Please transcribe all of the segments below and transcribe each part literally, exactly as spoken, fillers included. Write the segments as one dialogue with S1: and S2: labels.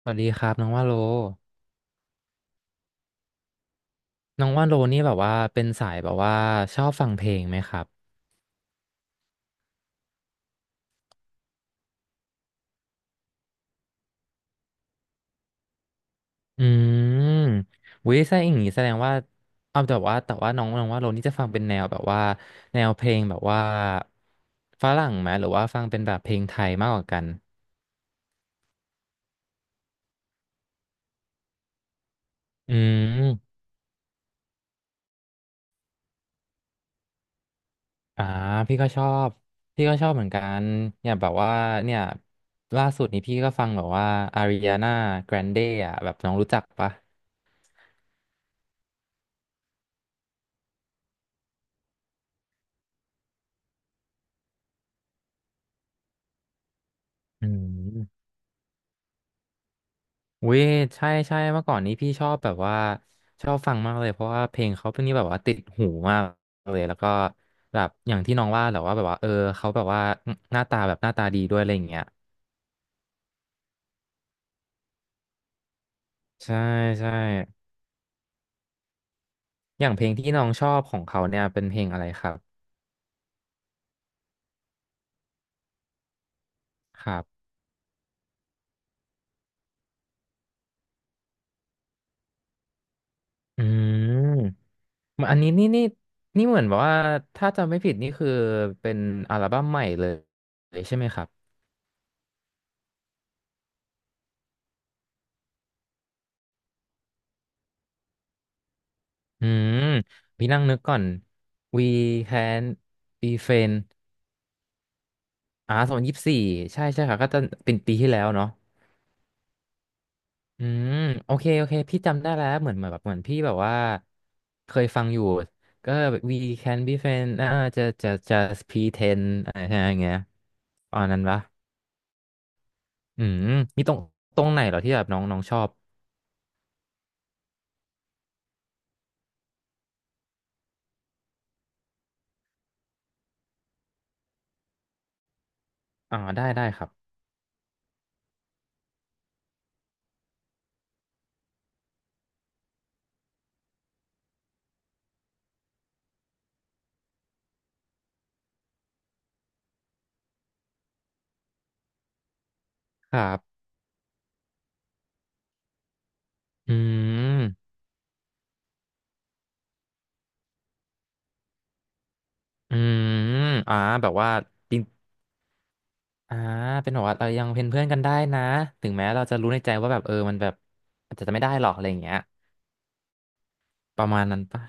S1: สวัสดีครับน้องว่าโลน้องว่าโลนี่แบบว่าเป็นสายแบบว่าชอบฟังเพลงไหมครับอืมวิใช่อย่างงี้แสดงว่าเอาแต่ว่าแต่ว่าน้องน้องว่าโลนี่จะฟังเป็นแนวแบบว่าแนวเพลงแบบว่าฝรั่งไหมหรือว่าฟังเป็นแบบเพลงไทยมากกว่ากันอืมอ่าพี่ก็ชอบพี่ก็ชอบเหมือนกันอย่างแบบว่าเนี่ยล่าสุดนี้พี่ก็ฟังแบบว่าอาริอานาแกรนเดอ่ะแบบน้องรู้จักปะอืม อุ้ยใช่ใช่เมื่อก่อนนี้พี่ชอบแบบว่าชอบฟังมากเลยเพราะว่าเพลงเขาเป็นนี่แบบว่าติดหูมากเลยแล้วก็แบบอย่างที่น้องว่าแหละว่าแบบว่าเออเขาแบบว่าหน้าตาแบบหน้าตาดีด้วยอะไรอย่างเงี้ยใช่ใช่อย่างเพลงที่น้องชอบของเขาเนี่ยเป็นเพลงอะไรครับครับอืมมันอันนี้นี่นี่นี่เหมือนแบบว่าถ้าจำไม่ผิดนี่คือเป็นอัลบั้มใหม่เลยใช่ไหมครับอืมพี่นั่งนึกก่อน We can be friends อ่าสองพันยี่สิบสี่ใช่ใช่ค่ะก็จะเป็นปีที่แล้วเนาะอืมโอเคโอเคพี่จำได้แล้วเหมือนเหมือนแบบเหมือนพี่แบบว่าเคยฟังอยู่ก็ we can be friends อ่าจะจะจะ pretend อะไรอย่างเงี้ยอันนั้นปะอืมมีตรงตรงไหนเหรอที่แบบน้องน้องชอบอ่าได้ได้ครับครับอืมอืมอ่าแบบว่าจริงอ่าเป็นแบบว่าเรายังเป็นเพื่อนกันได้นะถึงแม้เราจะรู้ในใจว่าแบบเออมันแบบอาจจะไม่ได้หรอกอะไรอย่างเงี้ยประมาณนั้นปะ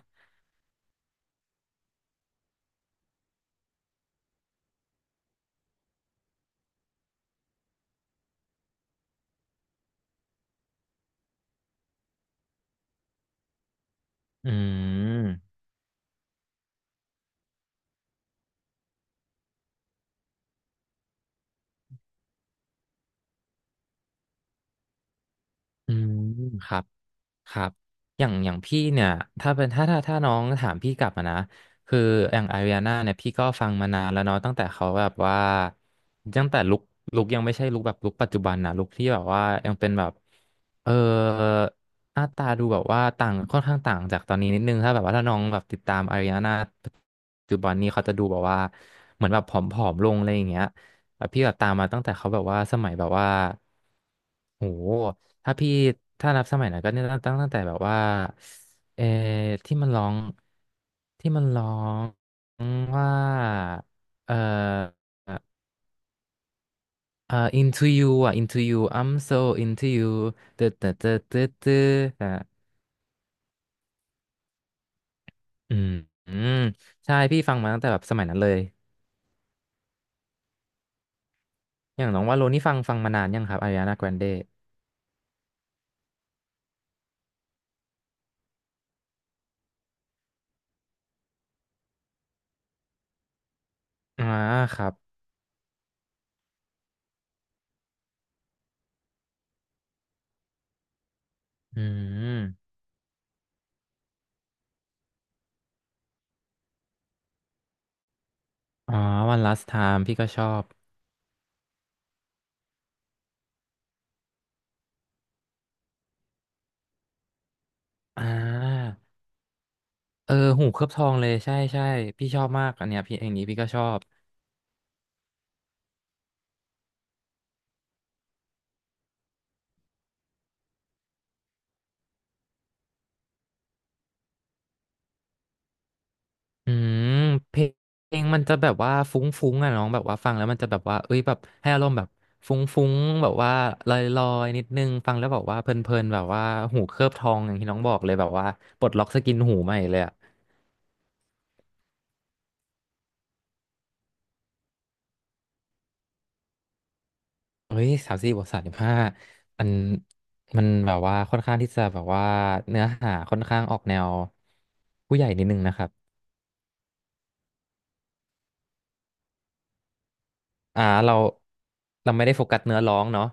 S1: อืมอืม ครับ ครับอย่างอย่างพี่เนี่ย ถ้าเป็น ถ้าถ้าถ้าน้องถามพี่กลับมานะคืออย่างอาริอาน่าเนี่ยพี่ก็ฟังมานานแล้วเนาะตั้งแต่เขาแบบว่าตั้งแต่ลุคลุคยังไม่ใช่ลุคแบบลุคปัจจุบันนะลุคที่แบบว่ายังเป็นแบบเออหน้าตาดูแบบว่าต่างค่อนข้างต่างจากตอนนี้นิดนึงถ้าแบบว่าถ้าน้องแบบติดตามอาริอาน่าปัจจุบันนี้เขาจะดูแบบว่าเหมือนแบบผอมๆลงอะไรอย่างเงี้ย แบบพี่แบบตามมาตั้งแต่เขาแบบว่าสมัยแบบว่าโหถ้าพี่ถ้านับสมัยนั้นก็เนี่ยตั้งตั้งตั้งแต่แบบว่าเออที่มันร้องที่มันร้องว่าเออเออ into you อ่ะ into you I'm so into you ตึ๊ดตึ๊ดตึ๊ดตึ๊ดตึ๊ดอ่ะอืมอืมใช่พี่ฟังมาตั้งแต่แบบสมัยนั้นเลยอย่างน้องว่าโลนี่ฟังฟังมานานยังครับอาริานาแกรนเดอ่าครับอืม อ๋อวัน last time พี่ก็ชอบอ่าเออหูเคลือบทองเลยใช่ใช่พี่ชอบมากอันเนี้ยพี่เองนี้พี่ก็ชอบอืมเพลงเพลงมันจะแบบว่าฟุ้งๆอ่ะน้องแบบว่าฟังแล้วมันจะแบบว่าเอ้ยแบบให้อารมณ์แบบฟุ้งๆแบบว่าลอยๆนิดนึงฟังแล้วแบบว่าเพลินๆแบบว่าหูเคลือบทองอย่างที่น้องบอกเลยแบบว่าปลดล็อกสกินหูใหม่เลยอ่ะเฮ้ยสามสี่บวกสามสิบห้ามันมันแบบว่าค่อนข้างที่จะแบบว่าเนื้อหาค่อนข้างออกแนวผู้ใหญ่นิดนึงนะครับ อ่าเราเราไม่ได้โฟกัสเนื้อร้องเนาะ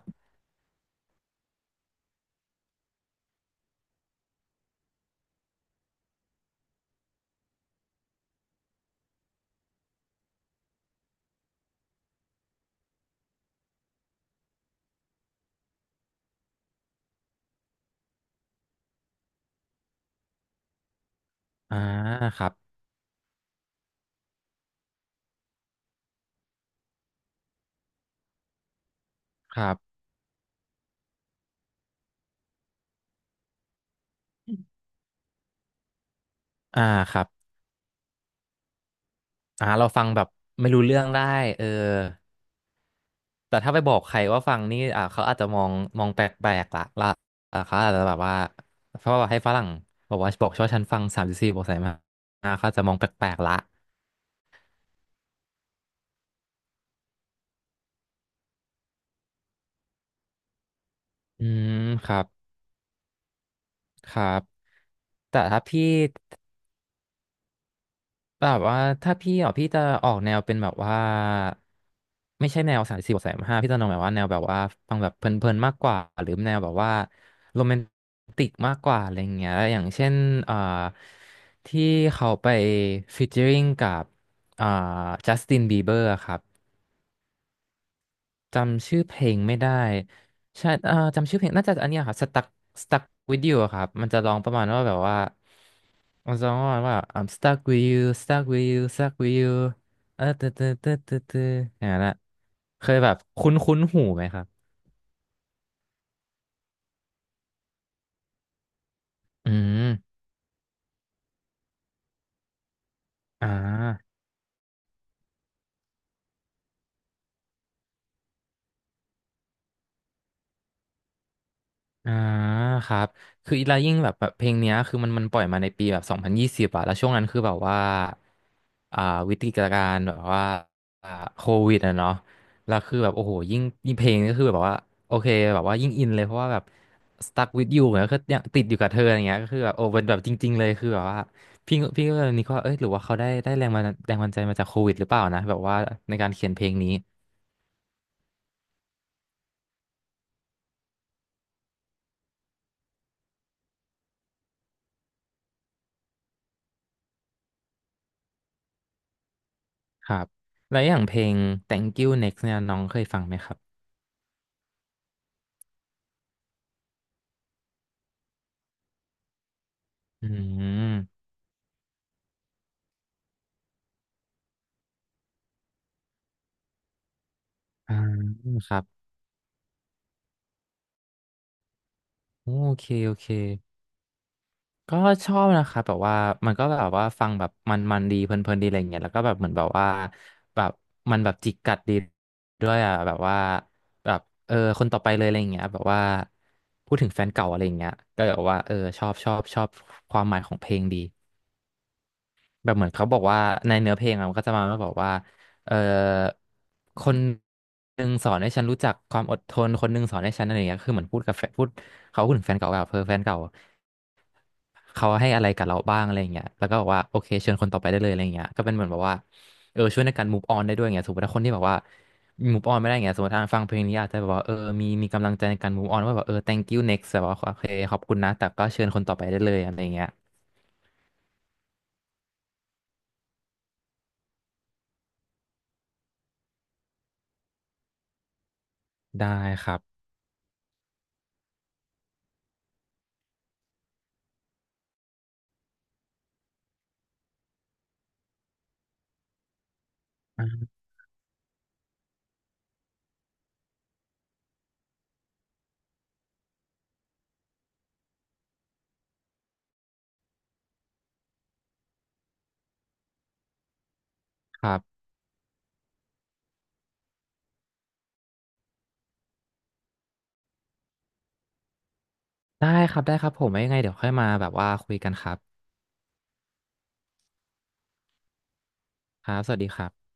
S1: อ่าครับครับอ่าครับอ่าเราฟังแบบไม่รู้เรื่องได้เออแต่ถ้าไปบอกใครว่าฟังนี่อ่าเขาอาจจะมองมองแปลกๆละละอ่าเขาอาจจะแบบว่าเพราะว่าให้ฝรั่งบอกว่าบอกชอบฉันฟังสามสิบสี่บอกใส่มาอ่าเขาอาจจะมองแปลกๆละอืมครับครับแต่ถ้าพี่ แบบว่าถ้าพี่อ่ะพี่จะออกแนวเป็นแบบว่าไม่ใช่แนวสายสี่บวกสายห้าพี่จะนองแบบว่าแนวแบบว่าฟังแบบเพลินๆมากกว่าหรือแนวแบบว่าโรแมนติกมากกว่าอะไรอย่างเงี้ยอย่างเช่นเอ่อที่เขาไปฟีเจอริงกับเอ่อจัสตินบีเบอร์ครับ จำชื่อเพลงไม่ได้ใช่เอ่อจำชื่อเพลงน่าจะอันเนี้ยครับ stuck stuck with you อะครับ มันจะร้องประมาณว่าแบบว่ามันจะร้องประมาณว่า I'm stuck with you stuck with you stuck with you เออเตึ๊ดตึ๊ดตึ๊ตึตึอย่างนั้นอะเคยแบบคุ้นคุ้นหูไหมครับอืมอ่า อ่าครับคืออีลายิ่งแบบแบบเพลงเนี้ยคือมันมันปล่อยมาในปีแบบสองพันยี่สิบอะแล้วช่วงนั้นคือแบบว่าอ่าวิกฤตการณ์แบบว่าอ่าโควิดอะเนาะแล้วคือแบบโอ้โหยิ่งยิ่งเพลงก็คือแบบว่าโอเคแบบว่ายิ่งอินเลยเพราะว่าแบบ stuck with you เนี่ยก็ยังติดอยู่กับเธออย่างเงี้ยก็คือแบบโอ้เป็นแบบจริงๆเลยคือแบบว่าพี่พี่ก็เลยนี่ก็เอ้ยหรือว่าเขาได้ได้แรงมาแรงบันดาลใจมาจากโควิดหรือเปล่านะแบบว่าในการเขียนเพลงนี้ครับแล้วอย่างเพลง Thank You Next เนี่ยน้องเคยฟังไหมครับอืม อ่าครับโอเคโอเคก็ชอบนะครับแบบว่ามันก็แบบว่าฟังแบบมันมันดีเพลินๆดีอะไรเงี้ยแล้วก็แบบเหมือนแบบว่าแบบมันแบบจิกกัดดีด้วยอ่ะแบบว่าแบบเออคนต่อไปเลยอะไรเงี้ยแบบว่าพูดถึงแฟนเก่าอะไรเงี้ยก็แบบว่าเออชอบชอบชอบความหมายของเพลงดี แบบเหมือนเขาบอกว่าในเนื้อเพลงอะมันก็จะมาแล้วบอกว่าเอ่อคนหนึ่งสอนให้ฉันรู้จักความอดทนคนหนึ่งสอนให้ฉันอะไรอย่างเงี้ยคือเหมือนพูดกับแฟนพูดเขาพูดถึงแฟนเก่าแบบเพ่อแฟนเก่าเขาให้อะไรกับเราบ้างอะไรอย่างเงี้ยแล้วก็บอกว่าโอเคเชิญคนต่อไปได้เลยอะไรอย่างเงี้ยก็เป็นเหมือนแบบว่าเออช่วยในการ move on ได้ด้วยอย่างเงี้ยสมมติถ้าคนที่แบบว่า move on ไม่ได้อย่างเงี้ยสมมติถ้าฟังเพลงนี้อาจจะแบบว่าเออมีมีกำลังใจในการ move on ว่าแบบเออ thank you next แบบว่าโอเคขอบคุณนะแต่ก็เชิญคนต่อไปได้เลยอะไรอย่างเงี้ยได้ครับอ่าครับ ได้ครับได้ครับผมไว้ยังไงเดี๋ยวค่อยมาแบบว่าคุยกันครับครับสวัสดีครับ